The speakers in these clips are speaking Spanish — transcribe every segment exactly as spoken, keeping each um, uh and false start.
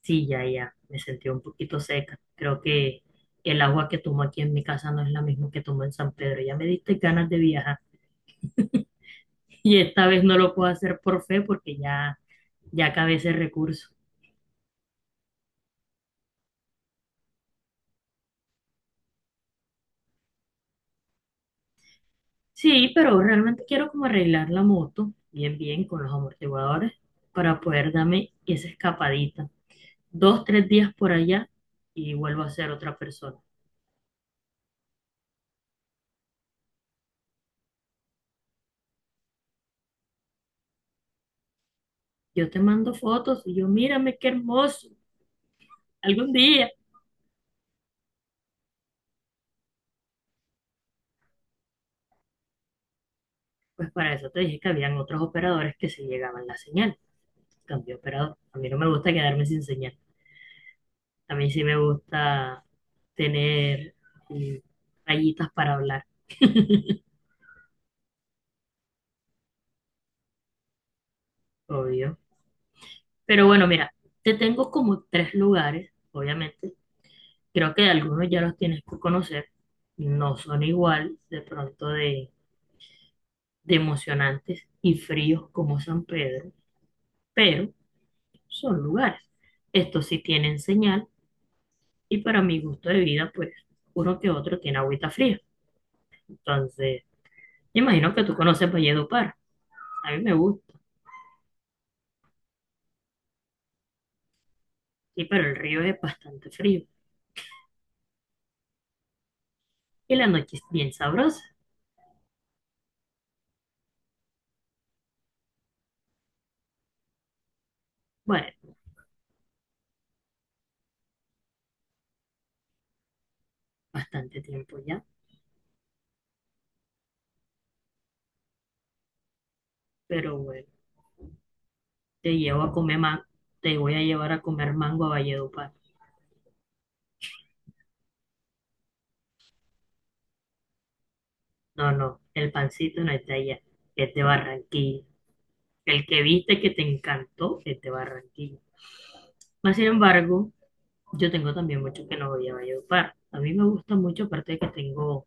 Sí, ya, ya, me sentí un poquito seca. Creo que el agua que tomo aquí en mi casa no es la misma que tomo en San Pedro. Ya me diste ganas de viajar. Y esta vez no lo puedo hacer por fe porque ya, ya acabé ese recurso. Sí, pero realmente quiero como arreglar la moto bien, bien con los amortiguadores para poder darme esa escapadita. Dos, tres días por allá y vuelvo a ser otra persona. Yo te mando fotos y yo, mírame qué hermoso, algún día. Pues para eso te dije que habían otros operadores que sí llegaban la señal. Cambié operador. A mí no me gusta quedarme sin señal. A mí sí me gusta tener mm, rayitas para hablar, obvio. Pero bueno, mira, te tengo como tres lugares, obviamente. Creo que algunos ya los tienes que conocer. No son igual de pronto de, de emocionantes y fríos como San Pedro, pero son lugares. Estos sí tienen señal. Y para mi gusto de vida, pues uno que otro tiene agüita fría. Entonces, me imagino que tú conoces Valledupar. A mí me gusta. Sí, pero el río es bastante frío. Y la noche es bien sabrosa. Bueno, bastante tiempo ya. Pero bueno, te llevo a comer mango. Te voy a llevar a comer mango a Valledupar. No, no, el pancito no es de allá. Es de Barranquilla. El que viste que te encantó es de Barranquilla. Más sin embargo, yo tengo también mucho que no voy a Valledupar. A mí me gusta mucho, aparte de que tengo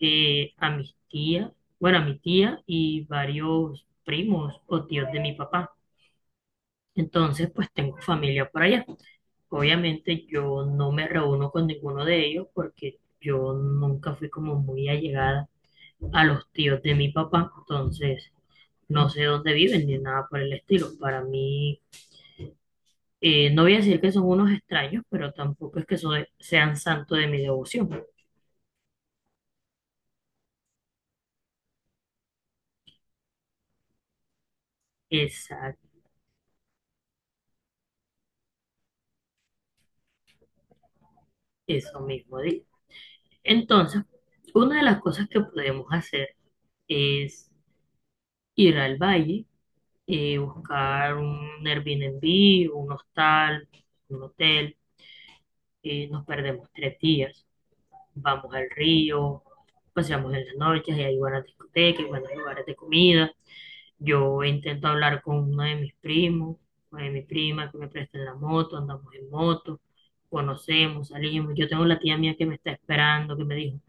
eh, a mis tías, bueno, a mi tía y varios primos o tíos de mi papá. Entonces, pues tengo familia por allá. Obviamente yo no me reúno con ninguno de ellos porque yo nunca fui como muy allegada a los tíos de mi papá. Entonces, no sé dónde viven ni nada por el estilo. Para mí, eh, no voy a decir que son unos extraños, pero tampoco es que so- sean santo de mi devoción. Exacto, eso mismo digo. Entonces, una de las cosas que podemos hacer es ir al valle, eh, buscar un Airbnb, un hostal, un hotel, eh, nos perdemos tres días, vamos al río, paseamos en las noches y hay buenas discotecas, buenos lugares de comida. Yo intento hablar con uno de mis primos, una de mis primas que me presten la moto, andamos en moto, conocemos, salimos. Yo tengo la tía mía que me está esperando, que me dijo,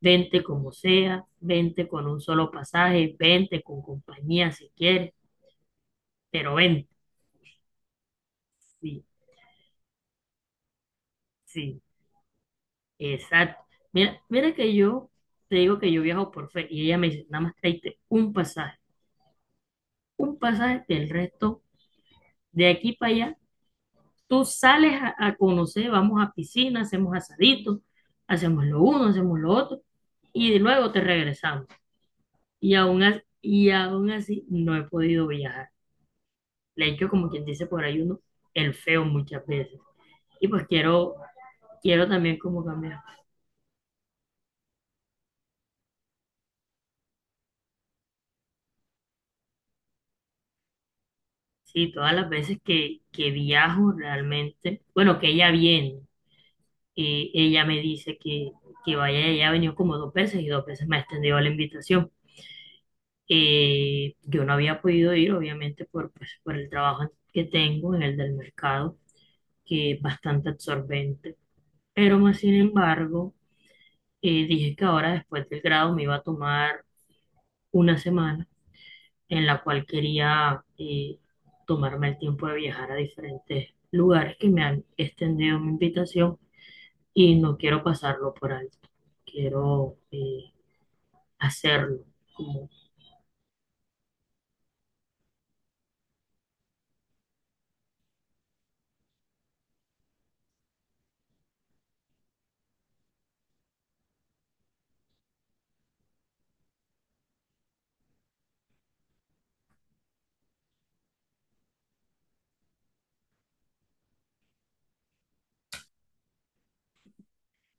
vente como sea, vente con un solo pasaje, vente con compañía si quieres, pero vente, sí, sí, exacto. Mira, mira que yo te digo que yo viajo por fe y ella me dice, nada más tráete un pasaje, un pasaje del resto de aquí para allá, tú sales a, a conocer, vamos a piscina, hacemos asaditos, hacemos lo uno, hacemos lo otro y luego te regresamos. Y aún, as- y aún así no he podido viajar. Le he hecho como quien dice por ahí uno, el feo muchas veces. Y pues quiero, quiero, también como cambiar. Sí, todas las veces que, que viajo realmente, bueno, que ella viene, eh, ella me dice que, que vaya, ella ha venido como dos veces y dos veces me ha extendido la invitación. Eh, yo no había podido ir, obviamente, por, pues, por el trabajo que tengo en el del mercado, que es bastante absorbente. Pero más sin embargo, eh, dije que ahora después del grado me iba a tomar una semana en la cual quería eh, tomarme el tiempo de viajar a diferentes lugares que me han extendido mi invitación y no quiero pasarlo por alto. Quiero eh, hacerlo. Como,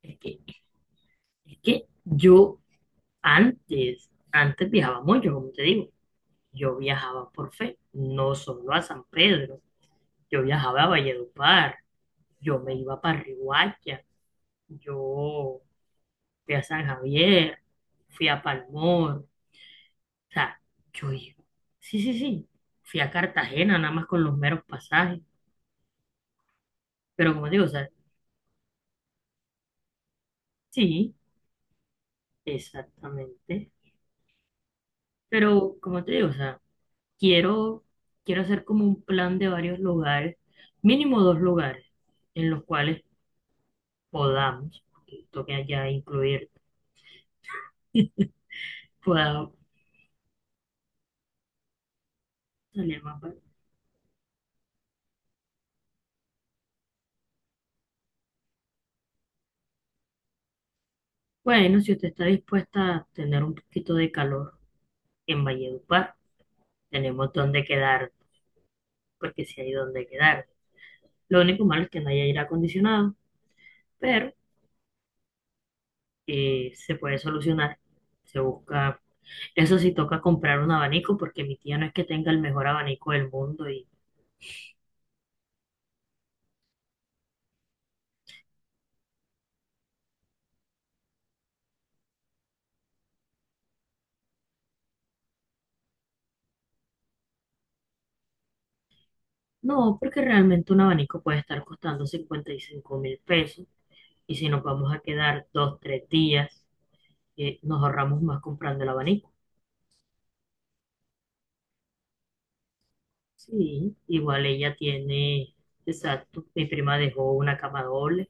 es que, es que yo antes, antes viajaba mucho, como te digo. Yo viajaba por fe, no solo a San Pedro. Yo viajaba a Valledupar, yo me iba para Riguacha, yo fui a San Javier, fui a Palmor. O sea, yo dije, sí, sí, sí, fui a Cartagena nada más con los meros pasajes, pero como te digo, o sea, sí, exactamente, pero como te digo, o sea, quiero, quiero hacer como un plan de varios lugares, mínimo dos lugares en los cuales podamos, porque toque ya incluir, podamos salir más barato. Bueno, si usted está dispuesta a tener un poquito de calor en Valledupar, tenemos donde quedar, porque si hay donde quedar. Lo único malo es que no hay aire acondicionado, pero eh, se puede solucionar. Se busca, eso sí toca comprar un abanico porque mi tía no es que tenga el mejor abanico del mundo y no, porque realmente un abanico puede estar costando cincuenta y cinco mil pesos y si nos vamos a quedar dos, tres días, eh, nos ahorramos más comprando el abanico. Sí, igual ella tiene, exacto, mi prima dejó una cama doble,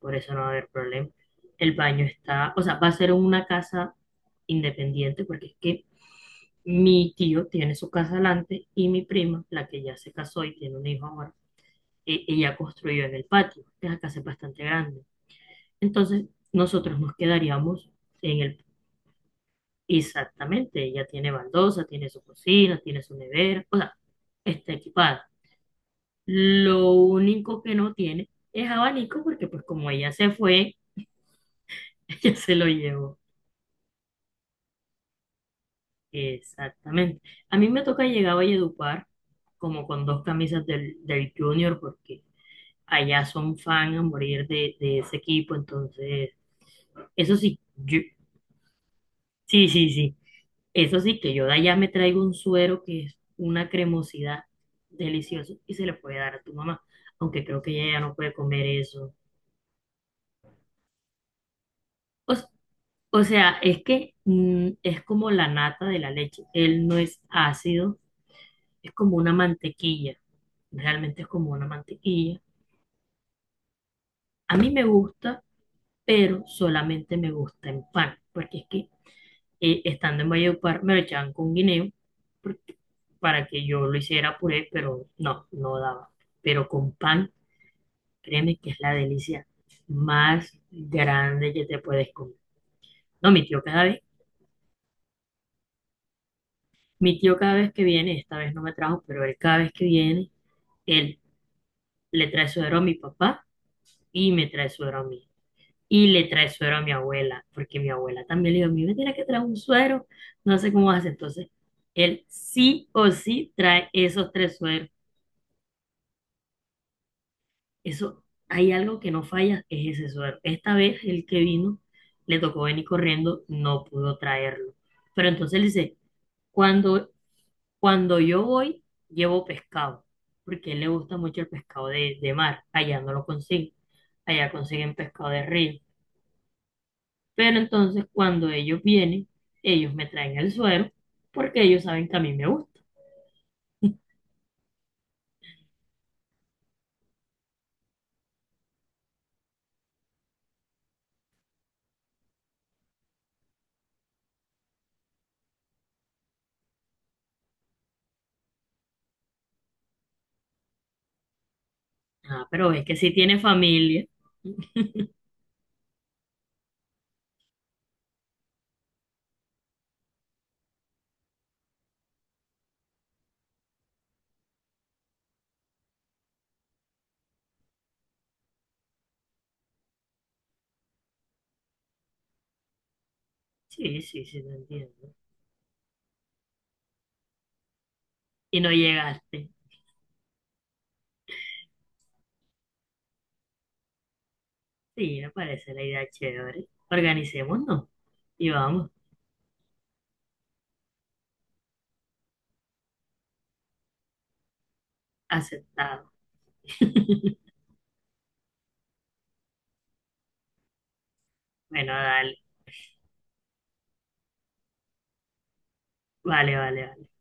por eso no va a haber problema. El baño está, o sea, va a ser una casa independiente porque es que mi tío tiene su casa adelante y mi prima, la que ya se casó y tiene un hijo ahora, e- ella construyó en el patio. Esa casa es bastante grande. Entonces, nosotros nos quedaríamos en el. Exactamente, ella tiene baldosa, tiene su cocina, tiene su nevera, o sea, está equipada. Lo único que no tiene es abanico porque pues como ella se fue, ella se lo llevó. Exactamente. A mí me toca llegar a Valledupar como con dos camisas del, del Junior porque allá son fan a morir de, de ese equipo, entonces, eso sí, yo, sí, sí, sí, eso sí, que yo de allá me traigo un suero que es una cremosidad deliciosa y se le puede dar a tu mamá, aunque creo que ella ya no puede comer eso. O, s- o sea, es que mm, es como la nata de la leche, él no es ácido, es como una mantequilla, realmente es como una mantequilla. A mí me gusta, pero solamente me gusta en pan, porque es que eh, estando en Valledupar, me lo echaban con guineo porque- para que yo lo hiciera puré, pero no, no daba. Pero con pan, créeme que es la delicia más grande que te puedes comer. No, mi tío cada vez, mi tío cada vez que viene, esta vez no me trajo, pero él cada vez que viene, él le trae suero a mi papá y me trae suero a mí. Y le trae suero a mi abuela, porque mi abuela también le dijo, a mí me tiene que traer un suero, no sé cómo hace. Entonces, él sí o sí trae esos tres sueros. Eso, hay algo que no falla, es ese suero. Esta vez el que vino le tocó venir corriendo, no pudo traerlo. Pero entonces él dice, cuando, cuando yo voy, llevo pescado, porque a él le gusta mucho el pescado de, de mar, allá no lo consiguen, allá consiguen pescado de río. Pero entonces cuando ellos vienen, ellos me traen el suero, porque ellos saben que a mí me gusta. Ah, pero es que si tiene familia. Sí, sí, sí, te entiendo. Y no llegaste. Sí, me parece la idea chévere. Organicémonos y vamos, aceptado. Bueno, dale, vale, vale, vale.